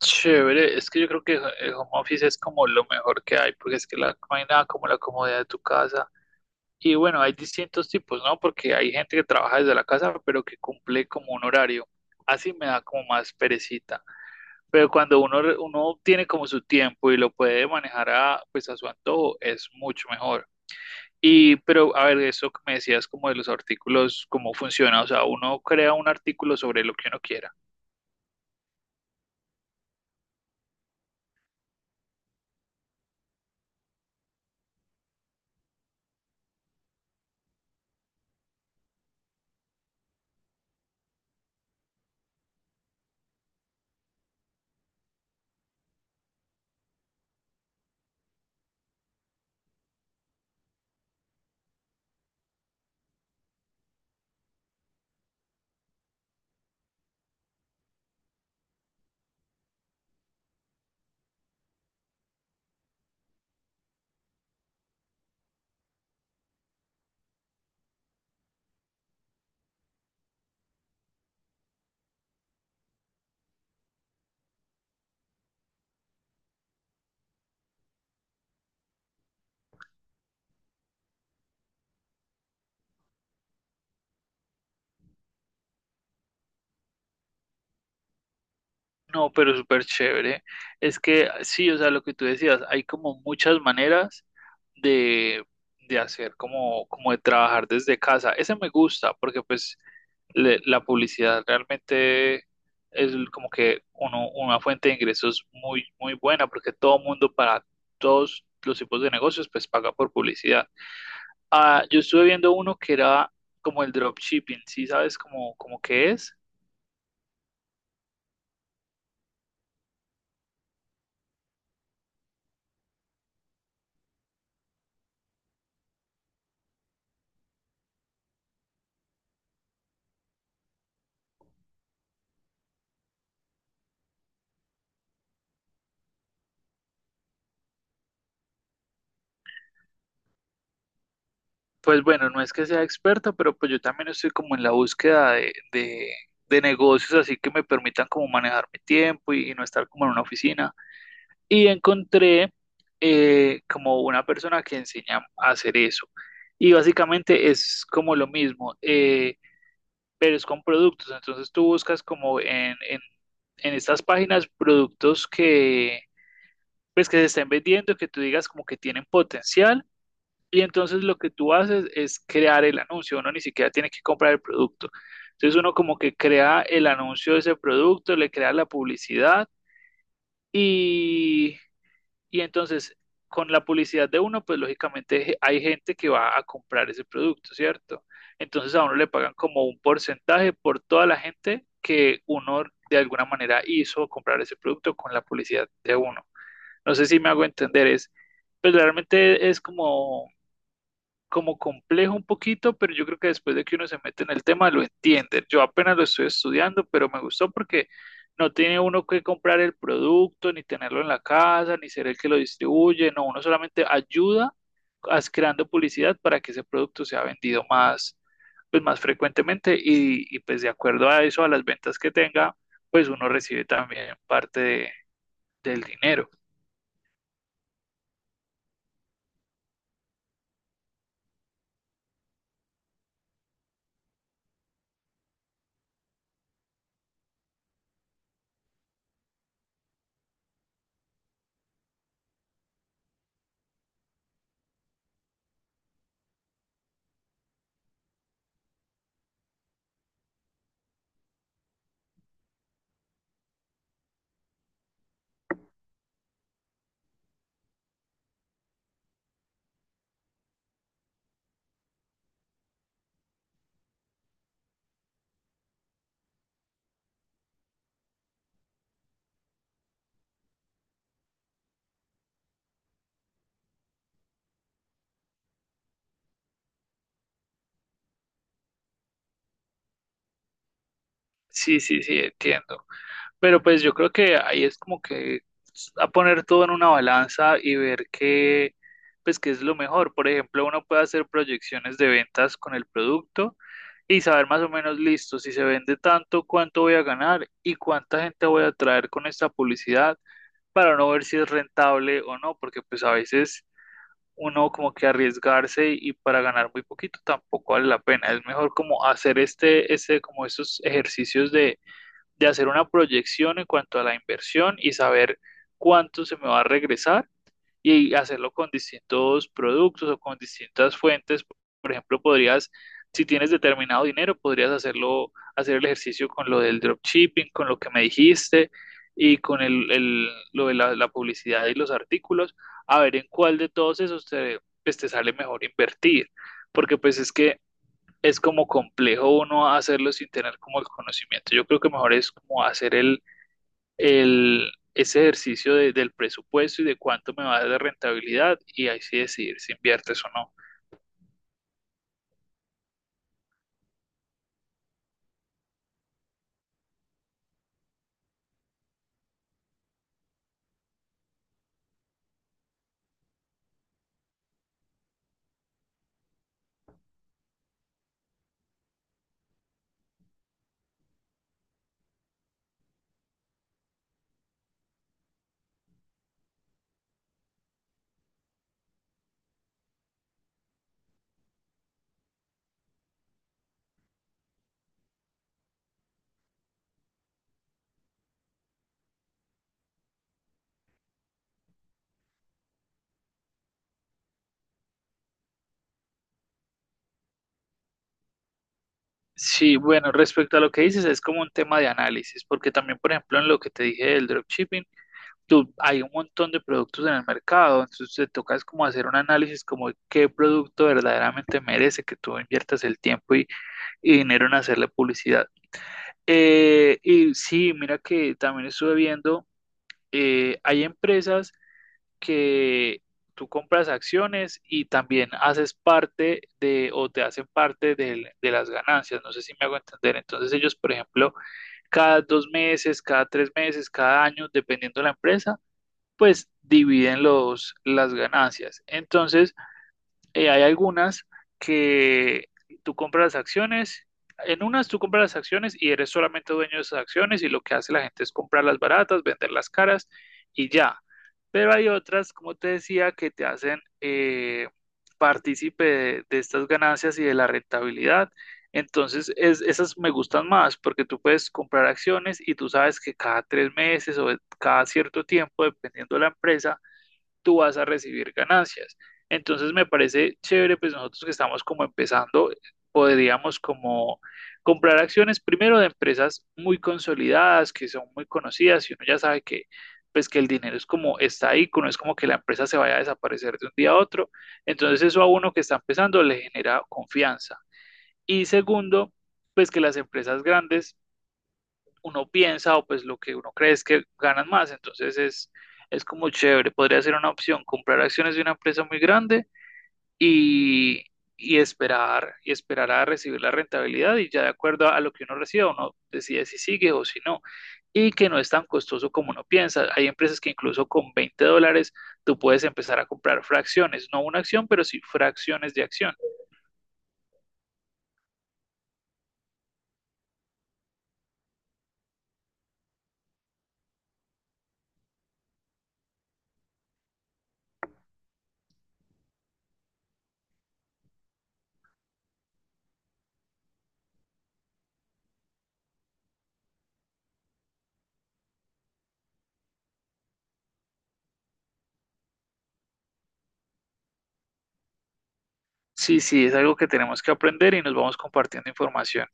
Chévere, es que yo creo que el home office es como lo mejor que hay, porque es que no hay nada como la comodidad de tu casa. Y bueno, hay distintos tipos, ¿no? Porque hay gente que trabaja desde la casa, pero que cumple como un horario. Así me da como más perecita. Pero cuando uno, uno tiene como su tiempo y lo puede manejar a, pues a su antojo, es mucho mejor. Pero a ver, eso que me decías como de los artículos, cómo funciona. O sea, uno crea un artículo sobre lo que uno quiera. No, pero súper chévere. Es que sí, o sea, lo que tú decías, hay como muchas maneras de, de hacer, como, como de trabajar desde casa. Ese me gusta porque pues la publicidad realmente es como que uno, una fuente de ingresos muy, muy buena porque todo mundo para todos los tipos de negocios pues paga por publicidad. Ah, yo estuve viendo uno que era como el dropshipping, ¿sí sabes cómo, cómo que es? Pues bueno, no es que sea experto, pero pues yo también estoy como en la búsqueda de negocios así que me permitan como manejar mi tiempo y no estar como en una oficina. Y encontré como una persona que enseña a hacer eso. Y básicamente es como lo mismo, pero es con productos. Entonces tú buscas como en estas páginas productos que pues que se estén vendiendo, que tú digas como que tienen potencial y entonces lo que tú haces es crear el anuncio, uno ni siquiera tiene que comprar el producto. Entonces uno como que crea el anuncio de ese producto, le crea la publicidad y, y entonces con la publicidad de uno, pues lógicamente hay gente que va a comprar ese producto, ¿cierto? Entonces a uno le pagan como un porcentaje por toda la gente que uno de alguna manera hizo comprar ese producto con la publicidad de uno. No sé si me hago entender. Pues realmente es como complejo un poquito, pero yo creo que después de que uno se mete en el tema lo entiende. Yo apenas lo estoy estudiando, pero me gustó porque no tiene uno que comprar el producto, ni tenerlo en la casa, ni ser el que lo distribuye, no, uno solamente ayuda creando publicidad para que ese producto sea vendido más, pues más frecuentemente y pues de acuerdo a eso, a las ventas que tenga, pues uno recibe también del dinero. Sí, sí, sí, entiendo. Pero pues yo creo que ahí es como que a poner todo en una balanza y ver qué, pues qué es lo mejor. Por ejemplo, uno puede hacer proyecciones de ventas con el producto y saber más o menos, listo, si se vende tanto, cuánto voy a ganar y cuánta gente voy a atraer con esta publicidad para no ver si es rentable o no, porque pues a veces uno como que arriesgarse y para ganar muy poquito tampoco vale la pena. Es mejor como hacer como estos ejercicios de hacer una proyección en cuanto a la inversión y saber cuánto se me va a regresar y hacerlo con distintos productos o con distintas fuentes. Por ejemplo, si tienes determinado dinero, podrías hacer el ejercicio con lo del dropshipping, con lo que me dijiste y con lo de la publicidad y los artículos, a ver en cuál de todos esos te, pues, te sale mejor invertir. Porque pues es que es como complejo uno hacerlo sin tener como el conocimiento. Yo creo que mejor es como hacer ese ejercicio del presupuesto y de cuánto me va a dar de rentabilidad y ahí sí decidir si inviertes o no. Sí, bueno, respecto a lo que dices, es como un tema de análisis, porque también, por ejemplo, en lo que te dije del dropshipping, tú, hay un montón de productos en el mercado, entonces te toca es como hacer un análisis como de qué producto verdaderamente merece que tú inviertas el tiempo y dinero en hacerle publicidad. Y sí, mira que también estuve viendo, hay empresas que tú compras acciones y también haces parte de o te hacen parte de las ganancias, no sé si me hago entender. Entonces ellos, por ejemplo, cada dos meses, cada tres meses, cada año, dependiendo de la empresa, pues dividen las ganancias. Entonces, hay algunas que tú compras las acciones, en unas tú compras las acciones y eres solamente dueño de esas acciones y lo que hace la gente es comprarlas baratas, venderlas caras y ya. Pero hay otras, como te decía, que te hacen partícipe de estas ganancias y de la rentabilidad. Entonces, esas me gustan más porque tú puedes comprar acciones y tú sabes que cada tres meses o cada cierto tiempo, dependiendo de la empresa, tú vas a recibir ganancias. Entonces me parece chévere, pues nosotros que estamos como empezando, podríamos como comprar acciones primero de empresas muy consolidadas, que son muy conocidas y uno ya sabe que pues que el dinero es como está ahí, que no es como que la empresa se vaya a desaparecer de un día a otro. Entonces eso a uno que está empezando le genera confianza. Y segundo, pues que las empresas grandes uno piensa o pues lo que uno cree es que ganan más. Es como chévere. Podría ser una opción comprar acciones de una empresa muy grande y, y esperar a recibir la rentabilidad y ya de acuerdo a, lo que uno reciba, uno decide si sigue o si no. Y que no es tan costoso como uno piensa. Hay empresas que incluso con 20 dólares tú puedes empezar a comprar fracciones, no una acción, pero sí fracciones de acción. Sí, sí, es algo que tenemos que aprender y nos vamos compartiendo información.